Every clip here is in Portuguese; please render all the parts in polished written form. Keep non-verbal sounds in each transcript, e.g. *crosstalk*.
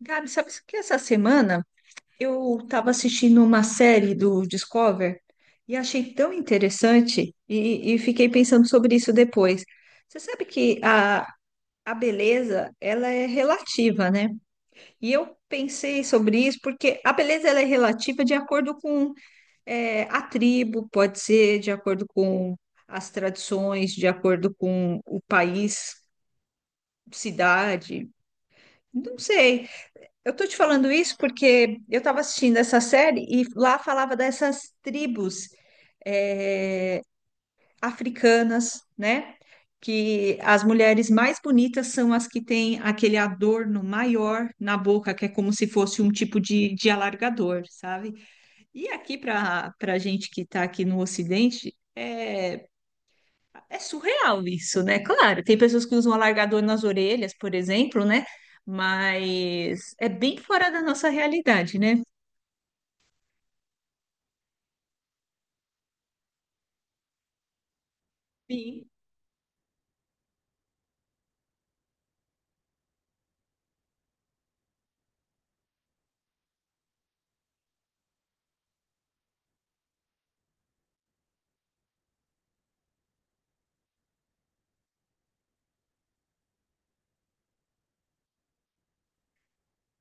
Gabi, sabe que essa semana eu estava assistindo uma série do Discover e achei tão interessante e fiquei pensando sobre isso depois. Você sabe que a beleza, ela é relativa, né? E eu pensei sobre isso porque a beleza ela é relativa de acordo com a tribo, pode ser de acordo com as tradições, de acordo com o país, cidade, não sei. Eu tô te falando isso porque eu estava assistindo essa série e lá falava dessas tribos eh, africanas, né? Que as mulheres mais bonitas são as que têm aquele adorno maior na boca, que é como se fosse um tipo de alargador, sabe? E aqui para a gente que está aqui no Ocidente, é surreal isso, né? Claro, tem pessoas que usam alargador nas orelhas, por exemplo, né? Mas é bem fora da nossa realidade, né? Sim,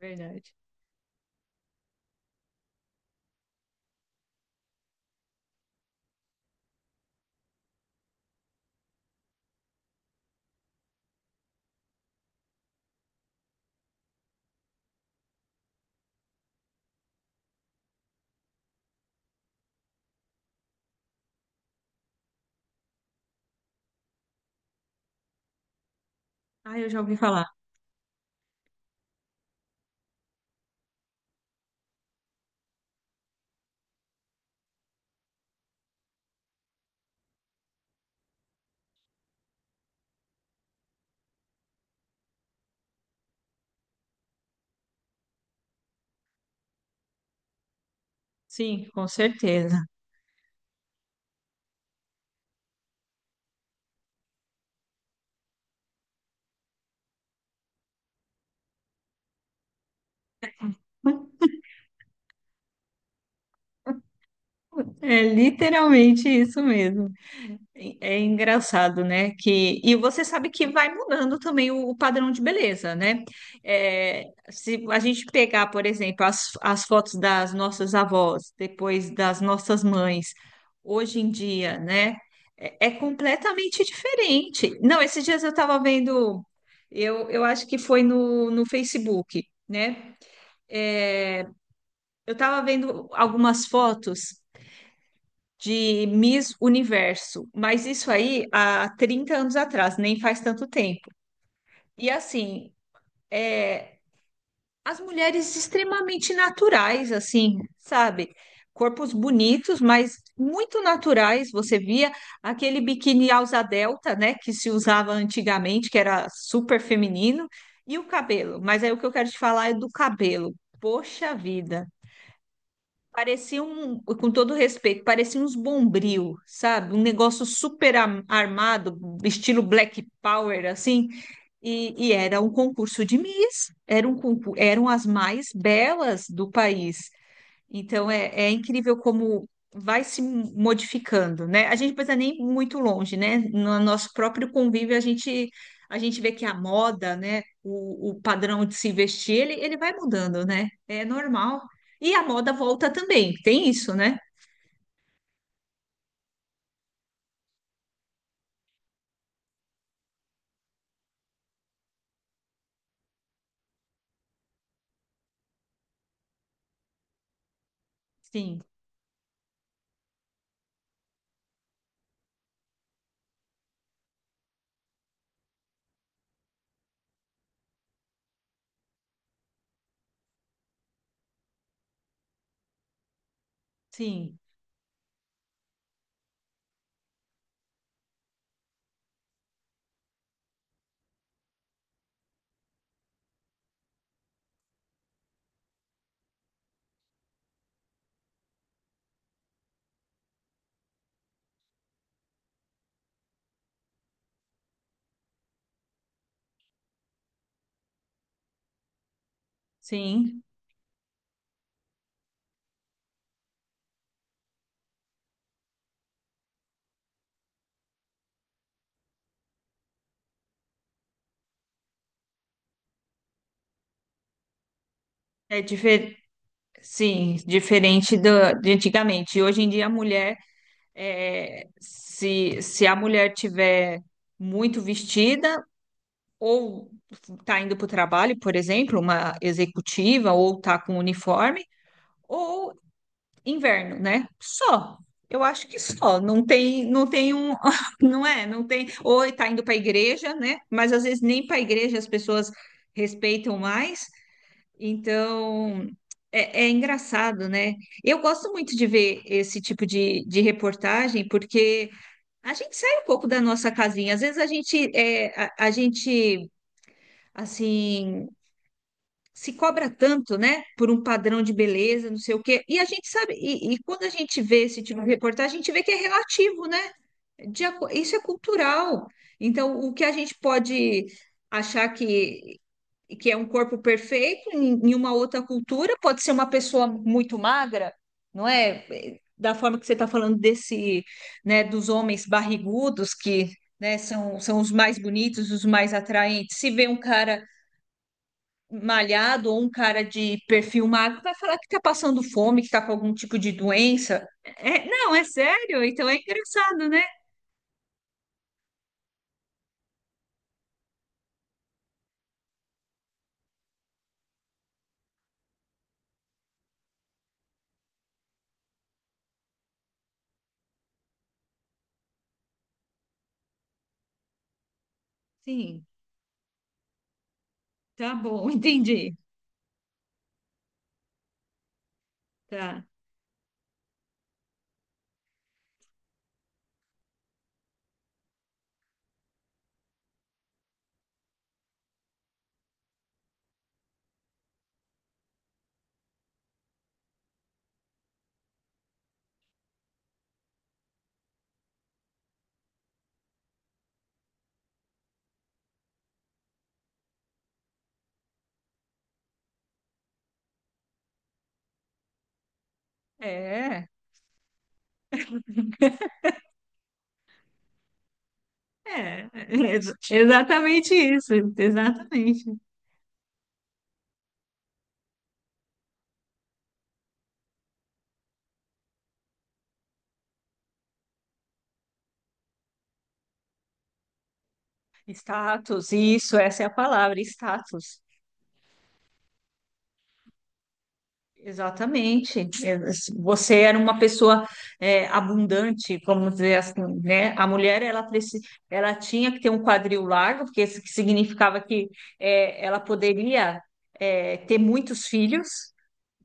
verdade. Ah, eu já ouvi falar. Sim, com certeza. *laughs* É literalmente isso mesmo. É engraçado, né? E você sabe que vai mudando também o padrão de beleza, né? É, Se a gente pegar, por exemplo, as fotos das nossas avós, depois das nossas mães, hoje em dia, né? É completamente diferente. Não, esses dias eu estava vendo, eu acho que foi no Facebook, né? Eu estava vendo algumas fotos de Miss Universo, mas isso aí há 30 anos atrás, nem faz tanto tempo. E assim, é, as mulheres extremamente naturais, assim, sabe? Corpos bonitos, mas muito naturais. Você via aquele biquíni alça delta, né, que se usava antigamente, que era super feminino, e o cabelo. Mas aí o que eu quero te falar é do cabelo. Poxa vida. Parecia um, com todo respeito, parecia uns bombril, sabe? Um negócio super armado, estilo Black Power, assim. E era um concurso de Miss. Era um concurso, eram as mais belas do país. Então é incrível como vai se modificando, né? A gente não precisa nem ir muito longe, né? No nosso próprio convívio, a gente vê que a moda, né? O padrão de se vestir, ele vai mudando, né? É normal. E a moda volta também, tem isso, né? Sim, sim, sim. É difer... Sim, diferente do, de antigamente. Hoje em dia, a mulher, é, se a mulher tiver muito vestida, ou está indo para o trabalho, por exemplo, uma executiva, ou está com um uniforme, ou inverno, né? Só. Eu acho que só. Não tem, não tem um, *laughs* não é, não tem. Ou está indo para a igreja, né? Mas às vezes nem para a igreja as pessoas respeitam mais. Então é engraçado, né? Eu gosto muito de ver esse tipo de reportagem porque a gente sai um pouco da nossa casinha. Às vezes a gente, a gente assim se cobra tanto, né, por um padrão de beleza, não sei o quê. E a gente sabe, e quando a gente vê esse tipo de reportagem, a gente vê que é relativo, né? Isso é cultural. Então, o que a gente pode achar que, é um corpo perfeito em uma outra cultura pode ser uma pessoa muito magra, não é? Da forma que você está falando desse, né, dos homens barrigudos que, né, são, são os mais bonitos, os mais atraentes. Se vê um cara malhado ou um cara de perfil magro vai falar que tá passando fome, que tá com algum tipo de doença. É, não, é sério? Então é engraçado, né? Sim, tá bom, *laughs* entendi. Tá. É, é exatamente isso, exatamente. Status, isso, essa é a palavra, status. Exatamente. Você era uma pessoa abundante, vamos dizer assim, né? A mulher ela tinha que ter um quadril largo, porque isso que significava que ela poderia ter muitos filhos,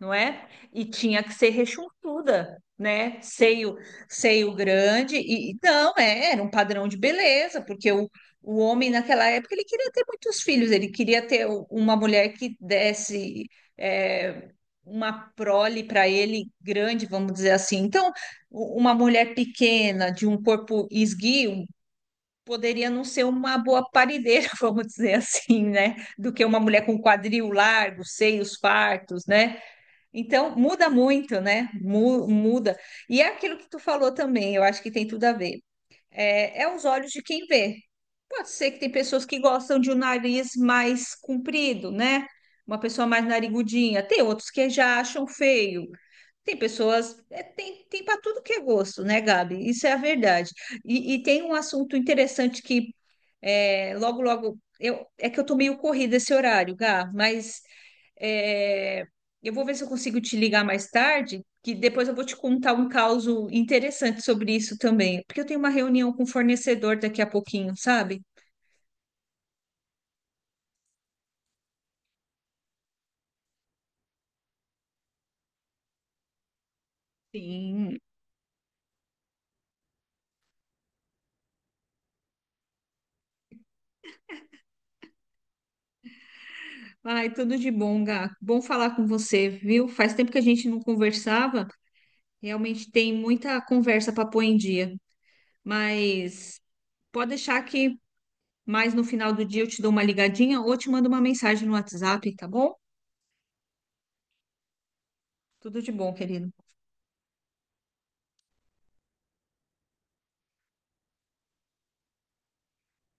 não é? E tinha que ser rechonchuda, né? Seio grande e não, era um padrão de beleza, porque o homem naquela época ele queria ter muitos filhos, ele queria ter uma mulher que desse é, uma prole para ele grande, vamos dizer assim. Então, uma mulher pequena de um corpo esguio poderia não ser uma boa parideira, *laughs* vamos dizer assim, né? Do que uma mulher com quadril largo, seios fartos, né? Então, muda muito, né? Muda. E é aquilo que tu falou também, eu acho que tem tudo a ver. É os olhos de quem vê. Pode ser que tem pessoas que gostam de um nariz mais comprido, né? Uma pessoa mais narigudinha. Tem outros que já acham feio. Tem pessoas, tem para tudo que é gosto, né, Gabi? Isso é a verdade. E tem um assunto interessante que logo, logo, é que eu tô meio corrida esse horário, Gá, mas é, eu vou ver se eu consigo te ligar mais tarde, que depois eu vou te contar um caso interessante sobre isso também, porque eu tenho uma reunião com o fornecedor daqui a pouquinho, sabe? Sim. Ai, tudo de bom, Gá. Bom falar com você, viu? Faz tempo que a gente não conversava. Realmente tem muita conversa para pôr em dia. Mas pode deixar que mais no final do dia eu te dou uma ligadinha ou te mando uma mensagem no WhatsApp, tá bom? Tudo de bom, querido.